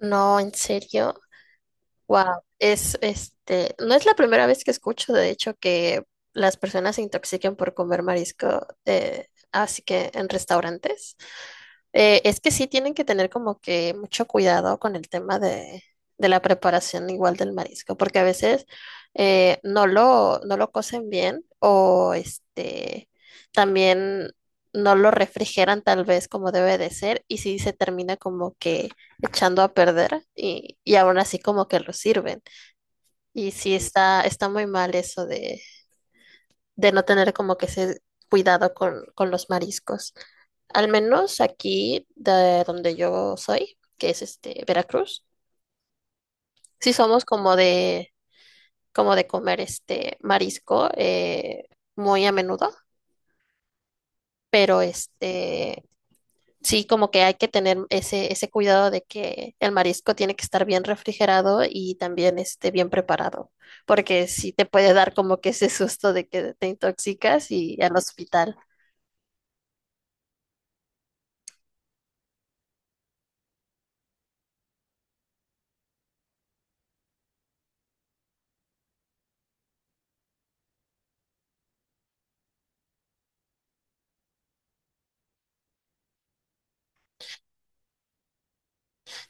No, en serio. Wow. No es la primera vez que escucho, de hecho, que las personas se intoxiquen por comer marisco, así que en restaurantes. Es que sí tienen que tener como que mucho cuidado con el tema de la preparación igual del marisco, porque a veces no lo cocen bien o también no lo refrigeran tal vez como debe de ser y sí se termina como que echando a perder y aún así como que lo sirven. Y sí está muy mal eso de no tener como que ese cuidado con los mariscos. Al menos aquí de donde yo soy, que es Veracruz, sí somos como de comer marisco muy a menudo, pero sí como que hay que tener ese, ese cuidado de que el marisco tiene que estar bien refrigerado y también bien preparado, porque sí te puede dar como que ese susto de que te intoxicas y al hospital.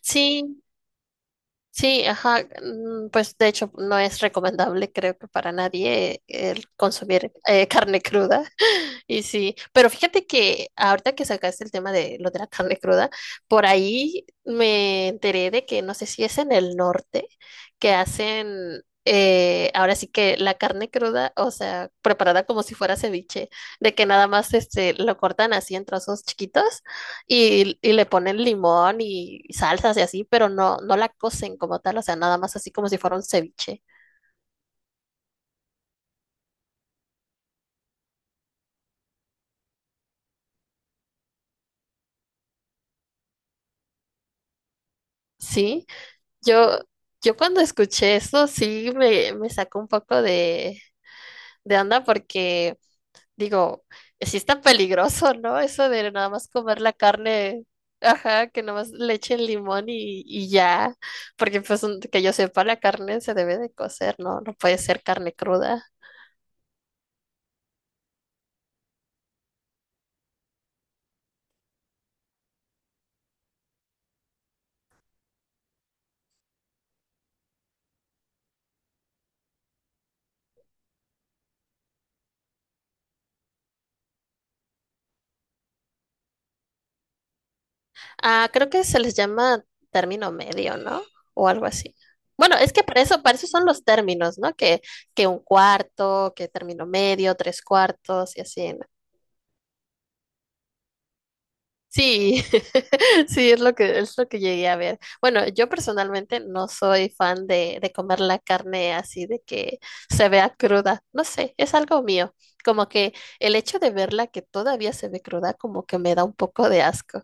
Sí, sí, ajá, mm, pues de hecho no es recomendable, creo que para nadie, el consumir carne cruda. Y sí, pero fíjate que ahorita que sacaste el tema de lo de la carne cruda, por ahí me enteré de que no sé si es en el norte que hacen, ahora sí que la carne cruda, o sea, preparada como si fuera ceviche, de que nada más lo cortan así en trozos chiquitos y le ponen limón y salsas y así, pero no, no la cocen como tal, o sea, nada más así como si fuera un ceviche. ¿Sí? Yo, yo cuando escuché eso sí me sacó un poco de onda porque digo, sí está peligroso, ¿no? Eso de nada más comer la carne, ajá, que nada más le echen limón y ya, porque pues que yo sepa, la carne se debe de cocer, ¿no? No puede ser carne cruda. Ah, creo que se les llama término medio, ¿no? O algo así. Bueno, es que para eso son los términos, ¿no? Que un cuarto, que término medio, tres cuartos y así. Sí, sí, es lo que llegué a ver. Bueno, yo personalmente no soy fan de comer la carne así de que se vea cruda. No sé, es algo mío. Como que el hecho de verla que todavía se ve cruda, como que me da un poco de asco.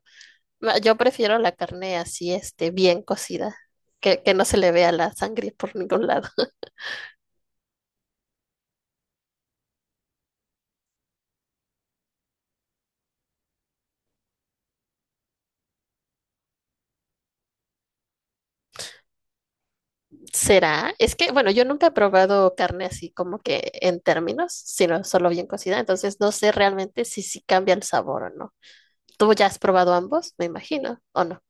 Yo prefiero la carne así, bien cocida, que no se le vea la sangre por ningún lado. ¿Será? Es que, bueno, yo nunca he probado carne así como que en términos, sino solo bien cocida, entonces no sé realmente si sí cambia el sabor o no. Tú ya has probado ambos, me imagino, ¿o no?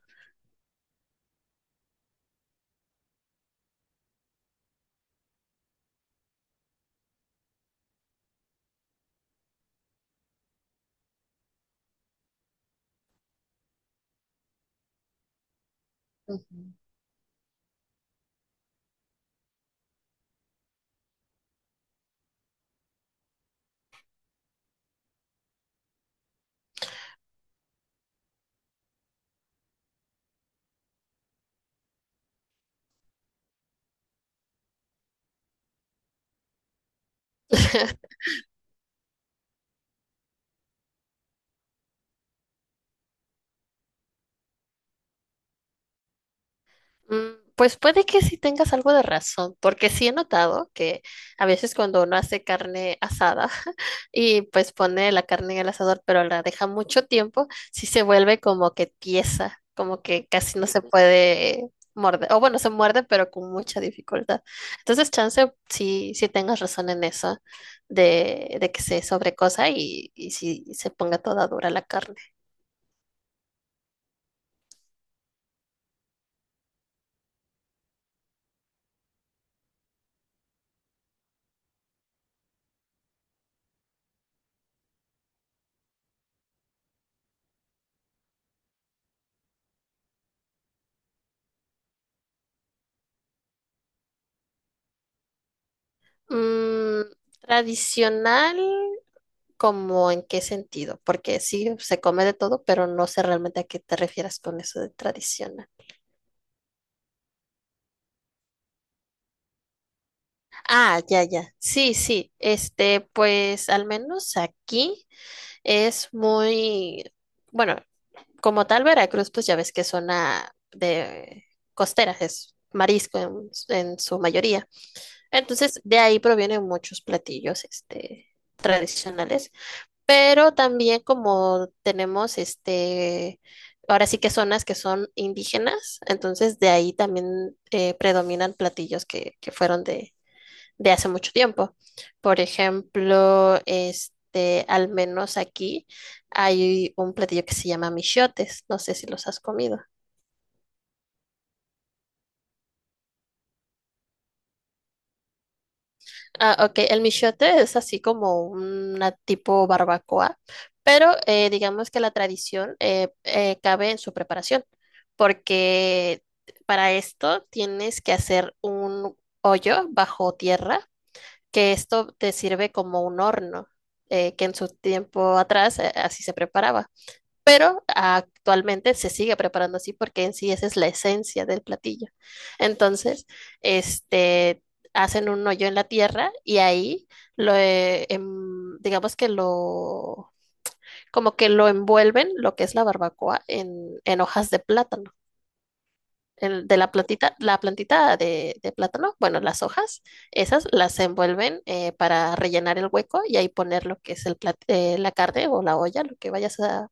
Ujú. Pues puede que sí tengas algo de razón, porque sí he notado que a veces cuando uno hace carne asada y pues pone la carne en el asador, pero la deja mucho tiempo, sí se vuelve como que tiesa, como que casi no se puede morder, o bueno, se muerde, pero con mucha dificultad. Entonces, chance, sí, sí tengas razón en eso, de que se sobrecosa y si se ponga toda dura la carne. Mm, Tradicional, ¿como en qué sentido? Porque sí, se come de todo, pero no sé realmente a qué te refieres con eso de tradicional. Ah, ya, ya. Sí, sí. Pues al menos aquí es muy, bueno, como tal Veracruz, pues ya ves que es zona de costera, es marisco en su mayoría. Entonces, de ahí provienen muchos platillos, tradicionales. Pero también como tenemos ahora sí que zonas que son indígenas, entonces de ahí también predominan platillos que fueron de hace mucho tiempo. Por ejemplo, al menos aquí hay un platillo que se llama michiotes, no sé si los has comido. Ah, ok. El michote es así como una tipo barbacoa, pero digamos que la tradición cabe en su preparación, porque para esto tienes que hacer un hoyo bajo tierra, que esto te sirve como un horno, que en su tiempo atrás así se preparaba, pero actualmente se sigue preparando así porque en sí esa es la esencia del platillo. Entonces, este, hacen un hoyo en la tierra y ahí lo, digamos que lo, como que lo envuelven lo que es la barbacoa en hojas de plátano. De la plantita de plátano, bueno, las hojas, esas las envuelven para rellenar el hueco y ahí poner lo que es la carne o la olla, lo que vayas a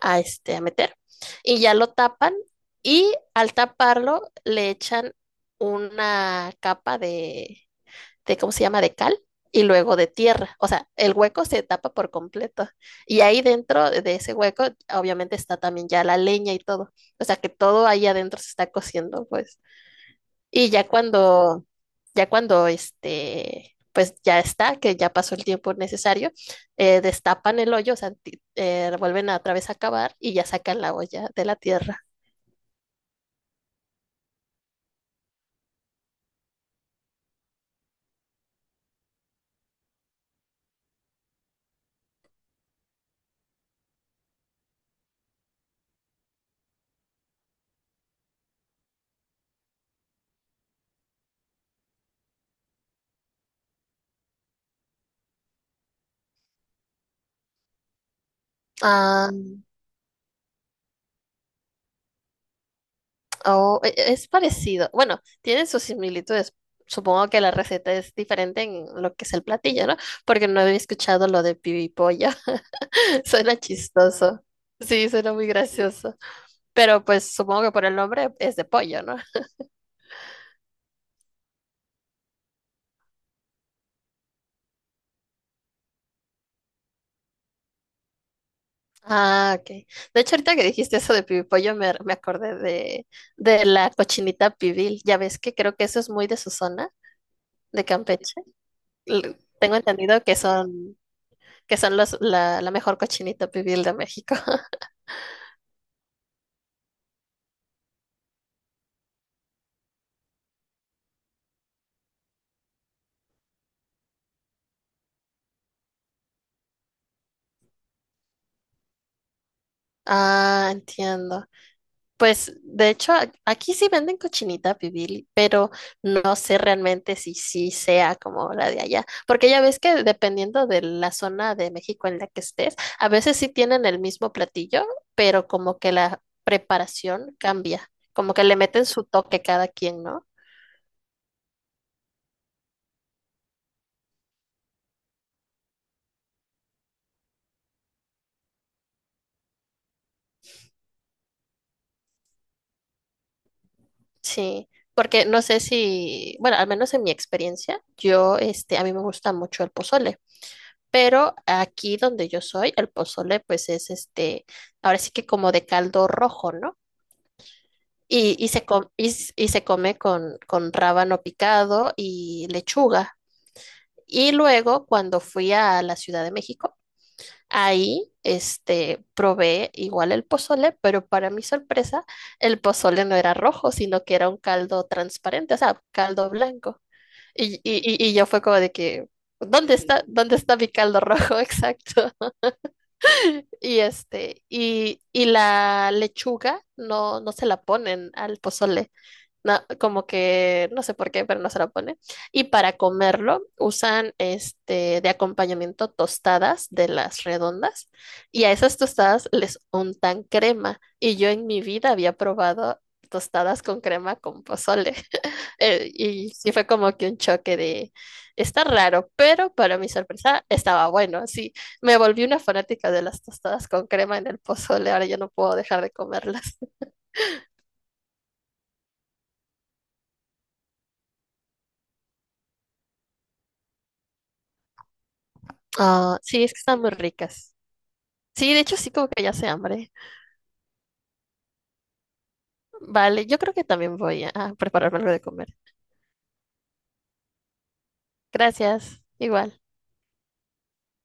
a, este, a meter. Y ya lo tapan y al taparlo le echan una capa de, ¿cómo se llama?, de cal y luego de tierra. O sea, el hueco se tapa por completo. Y ahí dentro de ese hueco, obviamente está también ya la leña y todo. O sea, que todo ahí adentro se está cociendo, pues. Y ya cuando pues ya está, que ya pasó el tiempo necesario, destapan el hoyo, o sea, vuelven a otra vez a cavar y ya sacan la olla de la tierra. Ah, oh, es parecido. Bueno, tienen sus similitudes. Supongo que la receta es diferente en lo que es el platillo, ¿no? Porque no había escuchado lo de pibipolla. Suena chistoso. Sí, suena muy gracioso. Pero pues supongo que por el nombre es de pollo, ¿no? Ah, ok. De hecho, ahorita que dijiste eso de pibipollo, me acordé de la cochinita pibil. Ya ves que creo que eso es muy de su zona, de Campeche. Tengo entendido que son la mejor cochinita pibil de México. Ah, entiendo. Pues de hecho aquí sí venden cochinita pibil, pero no sé realmente si sí sea como la de allá, porque ya ves que dependiendo de la zona de México en la que estés, a veces sí tienen el mismo platillo, pero como que la preparación cambia, como que le meten su toque cada quien, ¿no? Sí, porque no sé si, bueno, al menos en mi experiencia, yo este a mí me gusta mucho el pozole. Pero aquí donde yo soy, el pozole pues es ahora sí que como de caldo rojo, ¿no? Y se come con rábano picado y lechuga. Y luego cuando fui a la Ciudad de México, ahí probé igual el pozole, pero para mi sorpresa, el pozole no era rojo, sino que era un caldo transparente, o sea, caldo blanco. Y yo fue como de que, dónde está mi caldo rojo? Exacto. Y la lechuga no, no se la ponen al pozole, como que no sé por qué, pero no se lo pone. Y para comerlo usan de acompañamiento tostadas de las redondas y a esas tostadas les untan crema. Y yo en mi vida había probado tostadas con crema con pozole. Y sí fue como que un choque de, está raro, pero para mi sorpresa estaba bueno. Sí, me volví una fanática de las tostadas con crema en el pozole, ahora ya no puedo dejar de comerlas. Ah, sí, es que están muy ricas. Sí, de hecho sí como que ya sé hambre. Vale, yo creo que también voy a prepararme algo de comer. Gracias, igual.